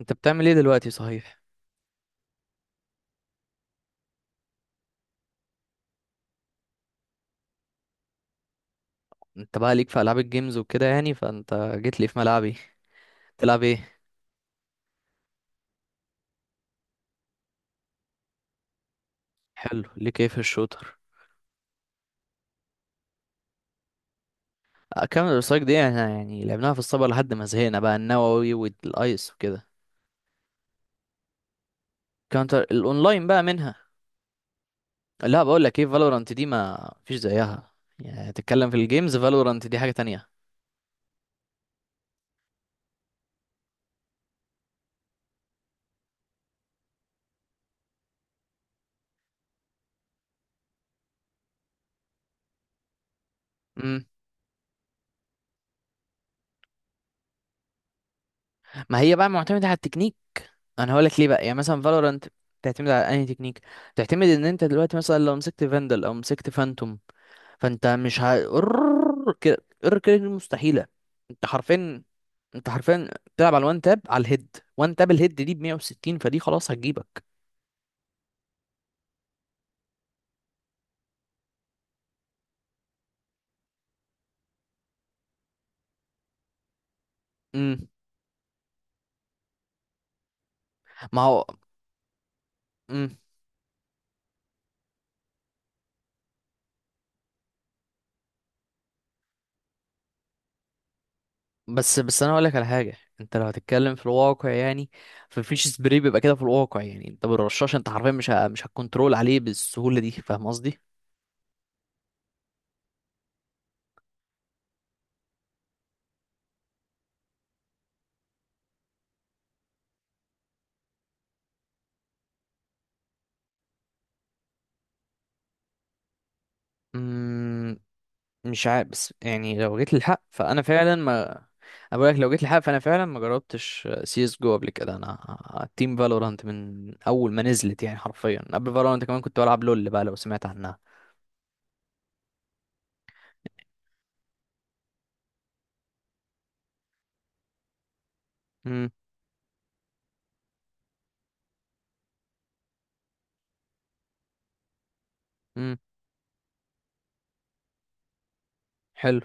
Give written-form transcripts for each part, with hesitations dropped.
انت بتعمل ايه دلوقتي صحيح؟ انت بقى ليك في العاب الجيمز وكده، يعني فانت جيت لي في ملعبي. تلعب ايه؟ حلو، ليك ايه في الشوتر؟ كاونتر سترايك دي احنا يعني لعبناها في الصبر لحد ما زهقنا بقى النووي والايس وكده. كاونتر الاونلاين بقى منها. لا، بقول لك ايه، فالورانت دي ما فيش زيها. يعني تتكلم في الجيمز، فالورانت دي حاجة تانية. امم. ما هي بقى معتمدة على التكنيك. انا هقول لك ليه بقى، يعني مثلا فالورانت تعتمد على انهي تكنيك. تعتمد ان انت دلوقتي مثلا لو مسكت فاندل او مسكت فانتوم، فانت مش ه... قرر كده. قرر كده دي مستحيله. انت حرفيا انت حرفيا بتلعب على الوان تاب، على الهيد، وان تاب الهيد دي ب 160، فدي خلاص هتجيبك. امم. ما هو. امم. بس انا هقول لك على حاجه، انت لو هتتكلم في الواقع يعني، فمفيش سبري بيبقى كده في الواقع، يعني انت بالرشاش انت حرفيا مش هتكنترول عليه بالسهوله دي، فاهم قصدي؟ امم. مش عارف، بس يعني لو جيت للحق فانا فعلا ما... أنا بقولك، لو جيت للحق فانا فعلا ما جربتش سي اس جو قبل كده. انا تيم فالورانت من اول ما نزلت، يعني حرفيا قبل فالورانت كمان كنت بلعب لول بقى، لو سمعت عنها. امم. امم. حلو.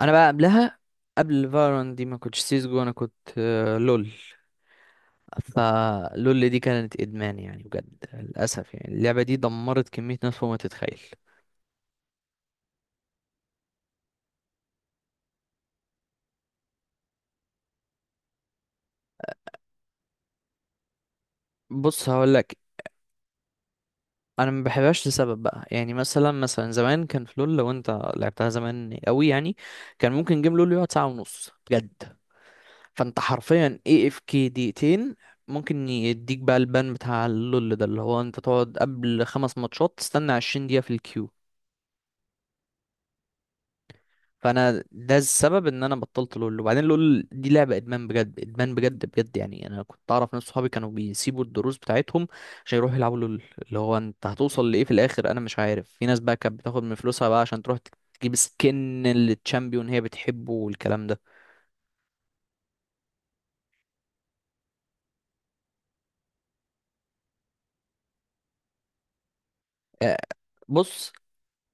انا بقى قبلها، قبل فالورانت دي ما كنتش سي اس جو، انا كنت لول. فلول دي كانت ادمان يعني، بجد للاسف يعني، اللعبه دي دمرت كميه ناس فوق ما تتخيل. بص هقولك، انا ما بحبهاش لسبب بقى، يعني مثلا زمان كان في لول، لو انت لعبتها زمان قوي يعني كان ممكن جيم لول يقعد ساعه ونص بجد. فانت حرفيا اي اف كي دقيقتين، ممكن يديك بقى البان بتاع اللول ده، اللي هو انت تقعد قبل 5 ماتشات تستنى 20 دقيقه في الكيو. فانا ده السبب ان انا بطلت لول. وبعدين لول دي لعبه ادمان بجد، ادمان بجد بجد يعني. انا كنت اعرف ناس صحابي كانوا بيسيبوا الدروس بتاعتهم عشان يروحوا يلعبوا لول. اللي هو انت هتوصل لايه في الاخر، انا مش عارف. في ناس بقى كانت بتاخد من فلوسها بقى عشان تروح تجيب سكن للتشامبيون هي بتحبه والكلام ده. آه، بص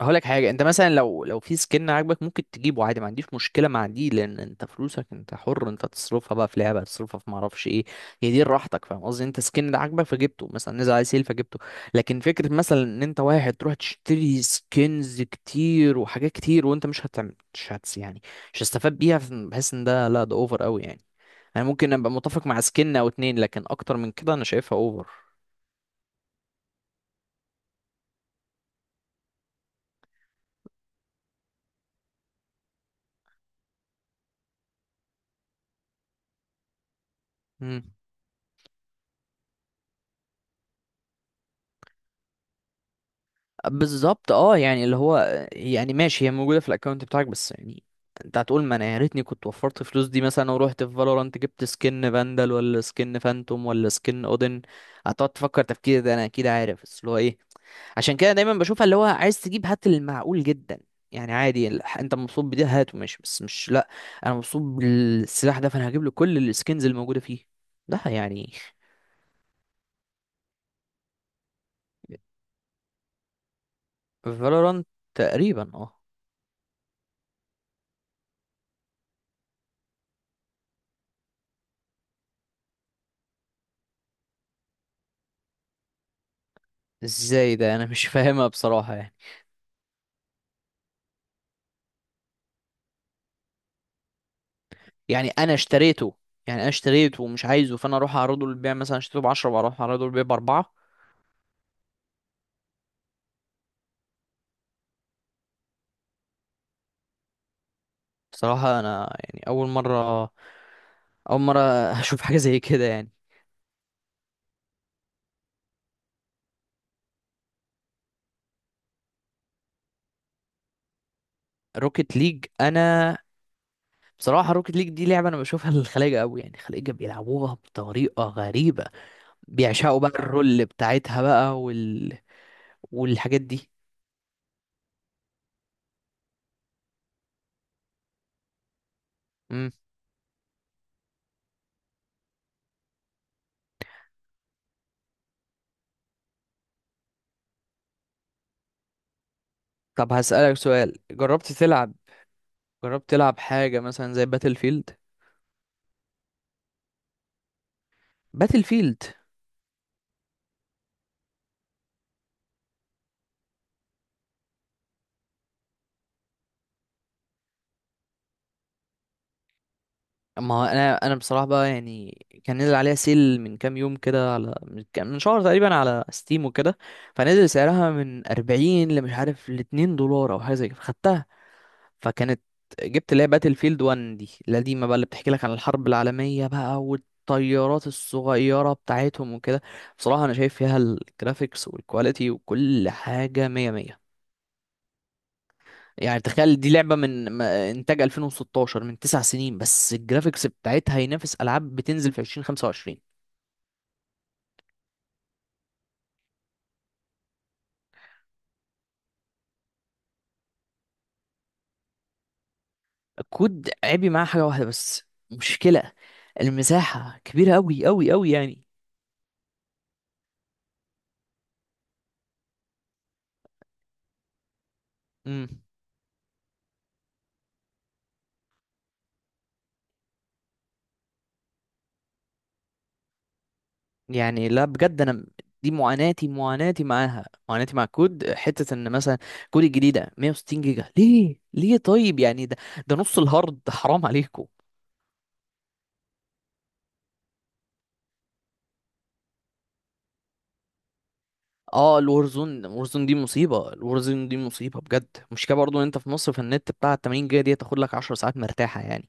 هقول لك حاجه، انت مثلا لو في سكن عاجبك ممكن تجيبه عادي، ما عنديش مشكله مع دي لان انت فلوسك انت حر انت تصرفها بقى في لعبه، تصرفها في ما اعرفش ايه، هي دي راحتك، فاهم قصدي؟ انت سكن ده عاجبك فجبته، مثلا نزل عليه سيل فجبته. لكن فكره مثلا ان انت واحد تروح تشتري سكنز كتير وحاجات كتير، وانت مش هتعمل، مش هتس يعني، مش هتستفاد بيها، بحس ان ده لا، ده اوفر قوي يعني. انا ممكن ابقى متفق مع سكن او اتنين، لكن اكتر من كده انا شايفها اوفر. بالظبط اه، يعني اللي هو يعني ماشي، هي موجوده في الاكونت بتاعك، بس يعني انت هتقول ما انا يا ريتني كنت وفرت الفلوس دي مثلا، ورحت في فالورانت جبت سكن فاندال ولا سكن فانتوم ولا سكن اودن. هتقعد تفكر، تفكير ده انا اكيد عارف، بس اللي هو ايه؟ عشان كده دايما بشوفها اللي هو عايز تجيب هات المعقول جدا يعني. عادي ال- انت مبسوط بده هاته ماشي، بس مش لا، انا مبسوط بالسلاح ده فانا هجيب له كل السكنز الموجوده فيه، ده يعني. فالورانت تقريبا اه. ازاي ده، انا مش فاهمها بصراحه يعني. يعني انا اشتريته، يعني انا اشتريته ومش عايزه، فانا اروح اعرضه للبيع، مثلا اشتريته ب 10 واروح اعرضه للبيع ب 4. بصراحه انا يعني، اول مره اشوف حاجه زي كده يعني. روكيت ليج، انا بصراحه روكيت ليج دي لعبه انا بشوفها للخلايجه قوي، يعني الخلايجه بيلعبوها بطريقه غريبه، بيعشقوا بقى الرول بتاعتها بقى وال... والحاجات دي. امم. طب هسألك سؤال، جربت تلعب حاجه مثلا زي باتل فيلد. باتل فيلد، ما هو انا بصراحه بقى يعني، كان نزل عليها سيل من كام يوم كده، على من شهر تقريبا على ستيم وكده، فنزل سعرها من 40 لمش عارف ل 2 دولار او حاجه زي كده، فخدتها. فكانت جبت اللي هي باتل فيلد 1 دي القديمه بقى، اللي بتحكي لك عن الحرب العالميه بقى والطيارات الصغيره بتاعتهم وكده. بصراحه انا شايف فيها الجرافيكس والكواليتي وكل حاجه 100 100. يعني تخيل دي لعبة من إنتاج 2016، من 9 سنين، بس الجرافيكس بتاعتها ينافس ألعاب بتنزل في 2025. الكود عيبي معاه حاجة واحدة بس، مشكلة المساحة كبيرة أوي أوي أوي يعني. امم. يعني لا بجد، دي معاناتي، معاناتي معاها معاناتي مع الكود، حتة إن مثلا كود الجديدة 160 جيجا، ليه ليه طيب يعني؟ ده نص الهارد، حرام عليكم. اه الورزون، الورزون دي مصيبة بجد، مشكلة برضو ان انت في مصر في النت بتاع 80 جيجا دي تاخد لك 10 ساعات مرتاحة يعني.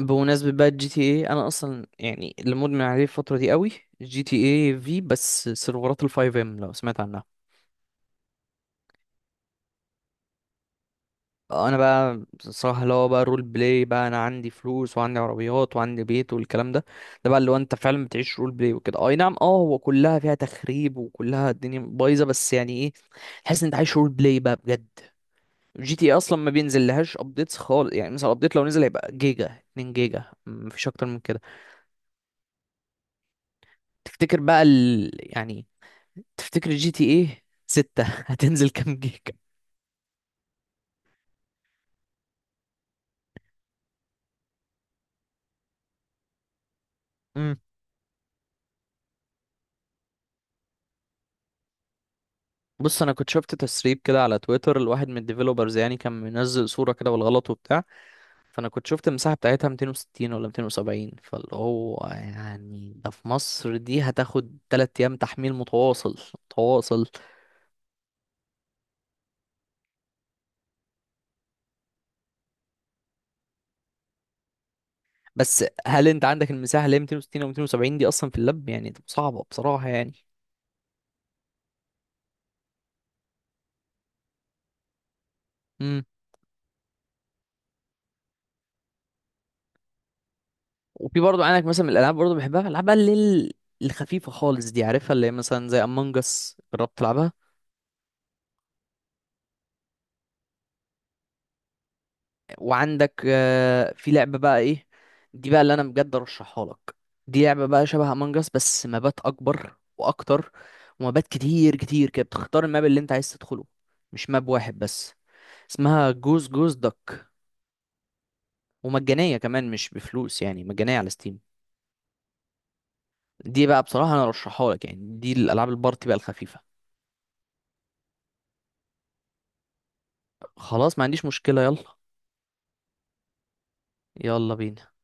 بمناسبة بقى الجي تي اي، انا اصلا يعني اللي مدمن عليه الفترة دي قوي. جي تي اي في بس سيرفرات الفايف ام، لو سمعت عنها. انا بقى صراحة اللي هو بقى رول بلاي بقى، انا عندي فلوس وعندي عربيات وعندي بيت والكلام ده. ده بقى اللي هو انت فعلا بتعيش رول بلاي وكده، اي نعم اه، هو كلها فيها تخريب وكلها الدنيا بايظة، بس يعني ايه، تحس ان انت عايش رول بلاي بقى بجد. جي تي إيه اصلا ما بينزل لهاش ابديتس خالص، يعني مثلا ابديت لو نزل هيبقى جيجا، 2 جيجا مفيش اكتر من كده. تفتكر بقى ال... يعني تفتكر جي تي ايه 6 هتنزل كام جيجا؟ امم. بص انا كنت شفت تسريب كده على تويتر، الواحد من الديفيلوبرز يعني كان منزل صورة كده بالغلط وبتاع، فانا كنت شفت المساحة بتاعتها 260 ولا 270، فاللي هو يعني ده في مصر دي هتاخد 3 ايام تحميل متواصل متواصل. بس هل انت عندك المساحه اللي هي 260 او 270 دي اصلا في اللاب؟ يعني تبقى صعبه بصراحه يعني. امم. وفي برضه عندك مثلا من الالعاب برضه بحبها، العاب بقى اللي هي ال- الخفيفه خالص دي عارفها، اللي هي مثلا زي امong اس، جربت تلعبها؟ وعندك في لعبه بقى ايه، دي بقى اللي انا بجد ارشحها لك. دي لعبه بقى شبه امong اس بس مابات اكبر واكتر، ومابات كتير كتير كده بتختار الماب اللي انت عايز تدخله، مش ماب واحد بس. اسمها جوز جوز دك. ومجانيه كمان مش بفلوس، يعني مجانيه على ستيم. دي بقى بصراحة انا ارشحها لك يعني، دي الالعاب البارتي بقى الخفيفة. خلاص ما عنديش مشكلة، يلا. يلا بينا.